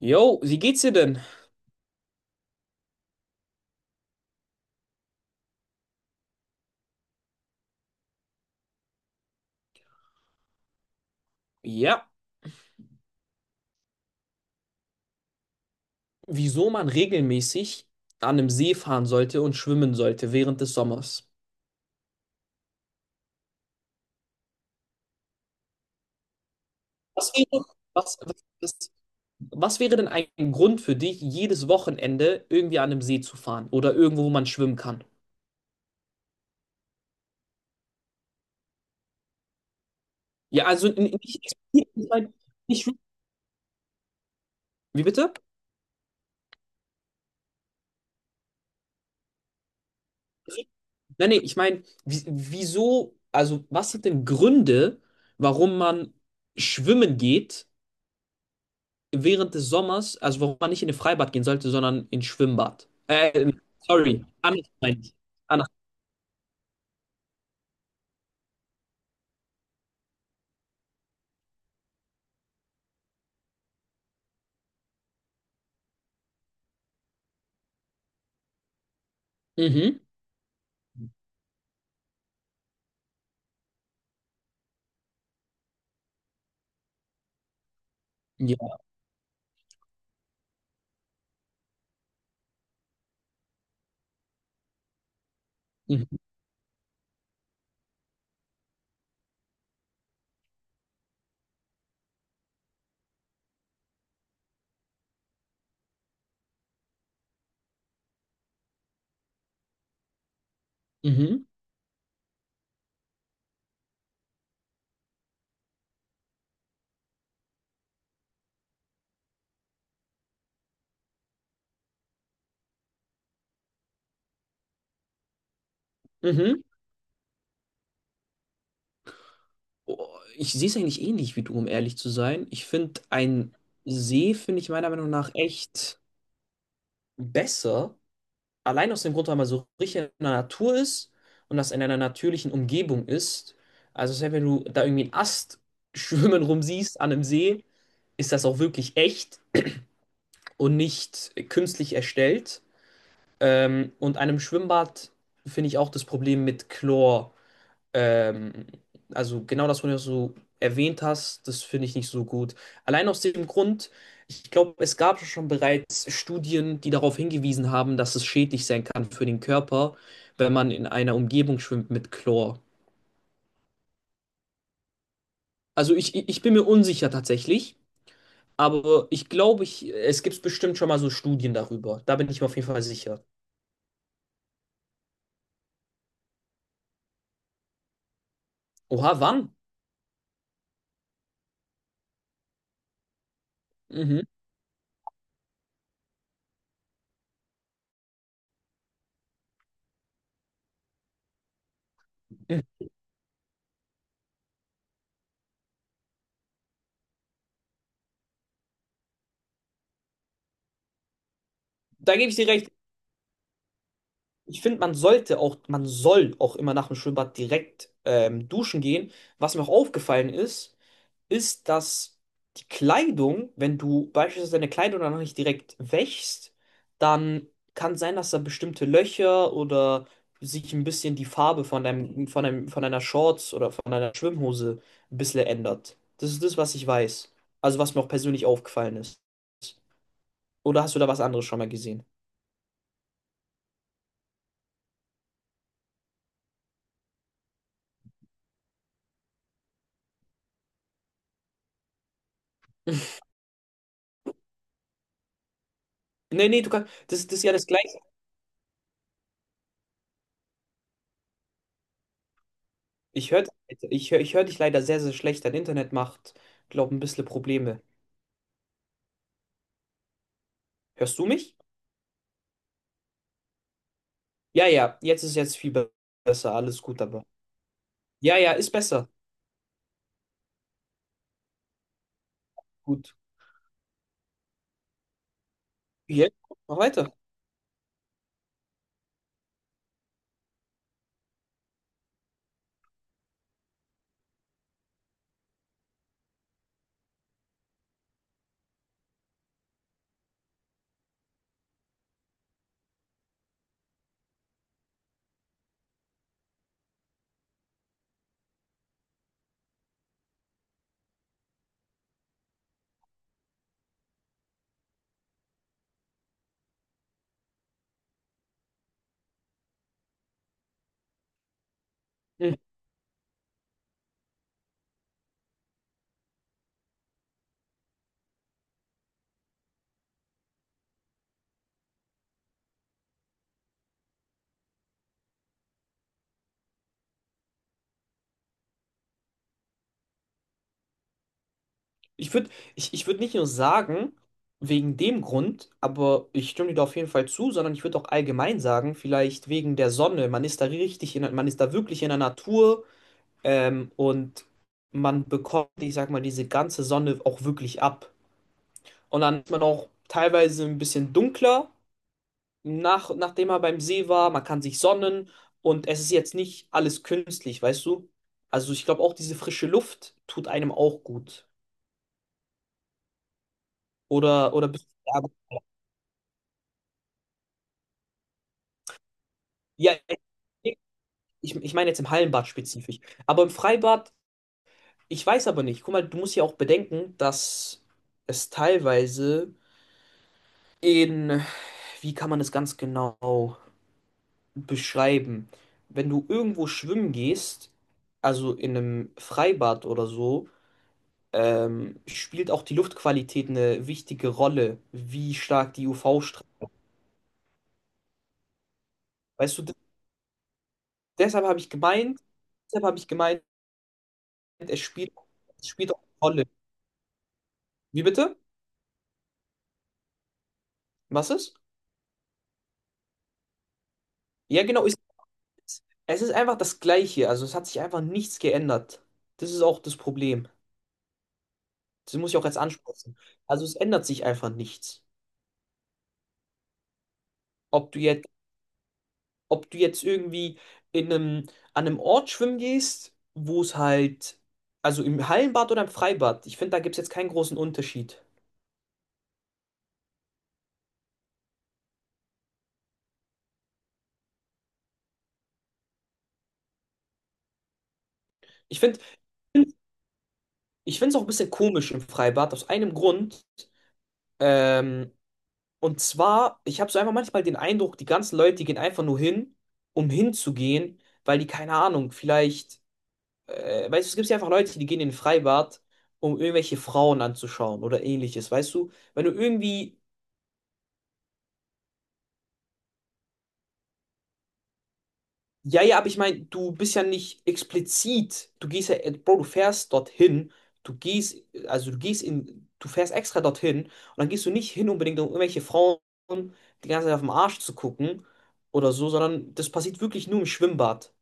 Jo, wie geht's dir denn? Ja, wieso man regelmäßig an einem See fahren sollte und schwimmen sollte während des Sommers. Was wäre, was, was, was wäre denn ein Grund für dich, jedes Wochenende irgendwie an einem See zu fahren oder irgendwo, wo man schwimmen kann? Ja, also nicht, ich mein, nicht, wie bitte? Nein, nee, ich meine, wieso, also was sind denn Gründe, warum man schwimmen geht? Während des Sommers, also warum man nicht in ein Freibad gehen sollte, sondern ins Schwimmbad. Sorry, anders meine ich. Anders. Mhm. Ja. Mhm. Mhm. Mhm. Oh, ich sehe es eigentlich ähnlich wie du, um ehrlich zu sein. Ich finde, ein See finde ich meiner Meinung nach echt besser. Allein aus dem Grund, weil man so richtig in der Natur ist und das in einer natürlichen Umgebung ist. Also selbst wenn du da irgendwie einen Ast schwimmen rumsiehst an einem See, ist das auch wirklich echt und nicht künstlich erstellt. Und einem Schwimmbad finde ich auch das Problem mit Chlor. Ähm, also genau das, was du so erwähnt hast, das finde ich nicht so gut. Allein aus dem Grund, ich glaube, es gab schon bereits Studien, die darauf hingewiesen haben, dass es schädlich sein kann für den Körper, wenn man in einer Umgebung schwimmt mit Chlor. Also ich bin mir unsicher tatsächlich, aber ich glaube, ich, es gibt bestimmt schon mal so Studien darüber. Da bin ich mir auf jeden Fall sicher. Oha, wann? Mhm. Da gebe ich dir recht. Ich finde, man sollte auch, man soll auch immer nach dem Schwimmbad direkt duschen gehen. Was mir auch aufgefallen ist, ist, dass die Kleidung, wenn du beispielsweise deine Kleidung danach nicht direkt wäschst, dann kann sein, dass da bestimmte Löcher oder sich ein bisschen die Farbe von deinem, von deinem, von deiner Shorts oder von deiner Schwimmhose ein bisschen ändert. Das ist das, was ich weiß. Also was mir auch persönlich aufgefallen ist. Oder hast du da was anderes schon mal gesehen? Nee, nee, du kannst. Das, das ist ja das Gleiche. Ich höre ich hör dich leider sehr, sehr schlecht. Dein Internet macht, glaube ein bisschen Probleme. Hörst du mich? Ja, ja, jetzt ist jetzt viel besser. Alles gut, aber. Ja, ja, ist besser. Gut. Jetzt mach weiter. Hm. Ich würde ich würd nicht nur sagen, wegen dem Grund, aber ich stimme dir da auf jeden Fall zu, sondern ich würde auch allgemein sagen, vielleicht wegen der Sonne. Man ist da richtig in, man ist da wirklich in der Natur, und man bekommt, ich sag mal, diese ganze Sonne auch wirklich ab. Und dann ist man auch teilweise ein bisschen dunkler, nachdem man beim See war. Man kann sich sonnen und es ist jetzt nicht alles künstlich, weißt du? Also ich glaube auch diese frische Luft tut einem auch gut. Oder, oder bist du- ja, ich, ich meine jetzt im Hallenbad spezifisch. Aber im Freibad, ich weiß aber nicht. Guck mal, du musst ja auch bedenken, dass es teilweise in, wie kann man das ganz genau beschreiben. Wenn du irgendwo schwimmen gehst, also in einem Freibad oder so, spielt auch die Luftqualität eine wichtige Rolle, wie stark die UV-Strahlung. Weißt du, deshalb habe ich gemeint, es spielt, es spielt auch eine Rolle. Wie bitte? Was ist? Ja, genau, ist, es ist einfach das Gleiche. Also es hat sich einfach nichts geändert. Das ist auch das Problem. Das muss ich auch jetzt ansprechen. Also es ändert sich einfach nichts. Ob du jetzt ob du jetzt irgendwie in einem, an einem Ort schwimmen gehst, wo es halt, also im Hallenbad oder im Freibad, ich finde, da gibt es jetzt keinen großen Unterschied. Ich finde, ich finde es auch ein bisschen komisch im Freibad, aus einem Grund. Ähm, und zwar, ich habe so einfach manchmal den Eindruck, die ganzen Leute, die gehen einfach nur hin, um hinzugehen, weil die, keine Ahnung, vielleicht, weißt du, es gibt ja einfach Leute, die gehen in ein Freibad, um irgendwelche Frauen anzuschauen oder ähnliches, weißt du? Wenn du irgendwie ja, ja, aber ich meine, du bist ja nicht explizit. Du gehst ja, Bro, du fährst dorthin. Du gehst, also du gehst du fährst extra dorthin und dann gehst du nicht hin unbedingt, um irgendwelche Frauen die ganze Zeit auf den Arsch zu gucken oder so, sondern das passiert wirklich nur im Schwimmbad.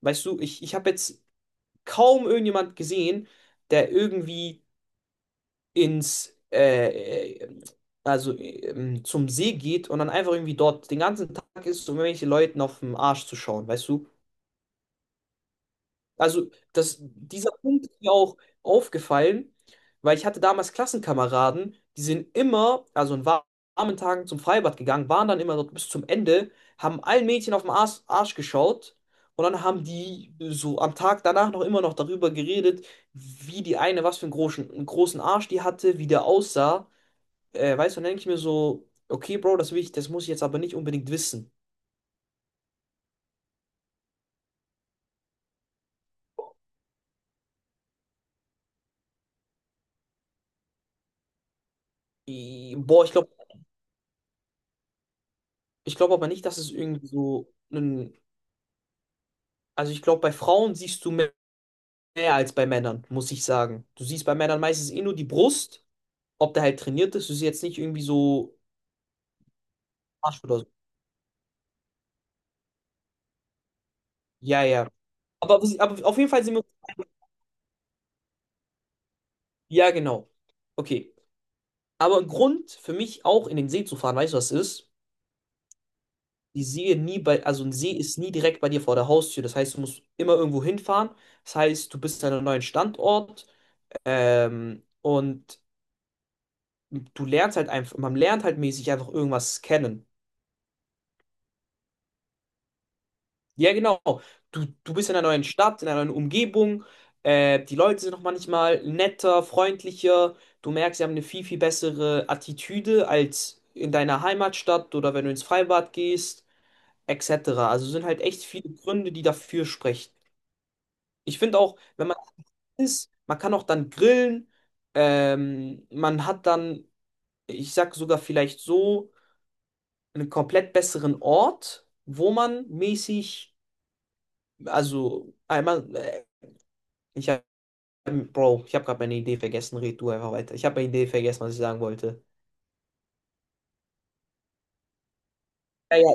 Weißt du, ich habe jetzt kaum irgendjemand gesehen, der irgendwie ins, also zum See geht und dann einfach irgendwie dort den ganzen Tag ist, um irgendwelche Leuten auf den Arsch zu schauen, weißt du? Also das, dieser Punkt ist mir auch aufgefallen, weil ich hatte damals Klassenkameraden, die sind immer, also in warmen Tagen zum Freibad gegangen, waren dann immer dort bis zum Ende, haben allen Mädchen auf den Arsch geschaut und dann haben die so am Tag danach noch immer noch darüber geredet, wie die eine, was für einen großen Arsch die hatte, wie der aussah. Weißt du, dann denke ich mir so, okay, Bro, das will ich, das muss ich jetzt aber nicht unbedingt wissen. Boah, ich glaube aber nicht, dass es irgendwie so einen. Also ich glaube, bei Frauen siehst du mehr als bei Männern, muss ich sagen. Du siehst bei Männern meistens eh nur die Brust, ob der halt trainiert ist. Du siehst jetzt nicht irgendwie so Arsch oder so. Ja, ja. Aber, was- aber auf jeden Fall sind wir. Ja, genau. Okay. Aber ein Grund für mich auch in den See zu fahren, weißt du, was ist? Die See nie bei, also ein See ist nie direkt bei dir vor der Haustür. Das heißt, du musst immer irgendwo hinfahren. Das heißt, du bist an einem neuen Standort. Und du lernst halt einfach, man lernt halt mäßig einfach irgendwas kennen. Ja, genau. Du bist in einer neuen Stadt, in einer neuen Umgebung. Die Leute sind noch manchmal netter, freundlicher. Du merkst, sie haben eine viel, viel bessere Attitüde als in deiner Heimatstadt oder wenn du ins Freibad gehst, etc. Also sind halt echt viele Gründe, die dafür sprechen. Ich finde auch, wenn man isst, man kann auch dann grillen. Man hat dann, ich sag sogar vielleicht so, einen komplett besseren Ort, wo man mäßig, also einmal. Ich ähm, Bro, ich habe gerade meine Idee vergessen. Red du einfach weiter. Ich habe meine Idee vergessen, was ich sagen wollte. Ja, ja,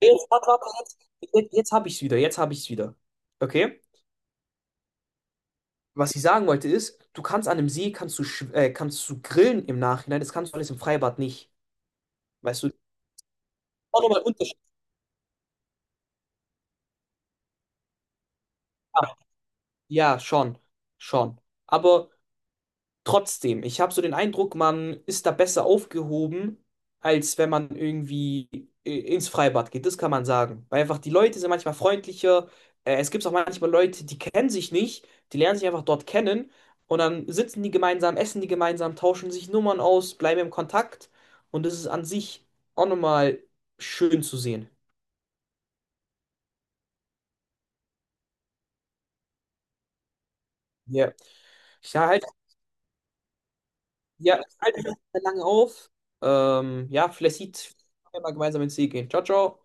jetzt, warte, warte, jetzt habe ich es wieder. Jetzt habe ich es wieder. Okay? Was ich sagen wollte ist, du kannst an einem See, kannst du, kannst du grillen im Nachhinein. Das kannst du alles im Freibad nicht. Weißt du? Auch nochmal Unterschied. Ja, ja, schon. Schon. Aber trotzdem, ich habe so den Eindruck, man ist da besser aufgehoben, als wenn man irgendwie ins Freibad geht. Das kann man sagen. Weil einfach die Leute sind manchmal freundlicher. Es gibt auch manchmal Leute, die kennen sich nicht, die lernen sich einfach dort kennen und dann sitzen die gemeinsam, essen die gemeinsam, tauschen sich Nummern aus, bleiben im Kontakt. Und das ist an sich auch nochmal schön zu sehen. Ja. Ich halte ja, ich halte mich nicht mehr lange auf. Ja, vielleicht sieht, wir mal gemeinsam ins See gehen. Ciao, ciao.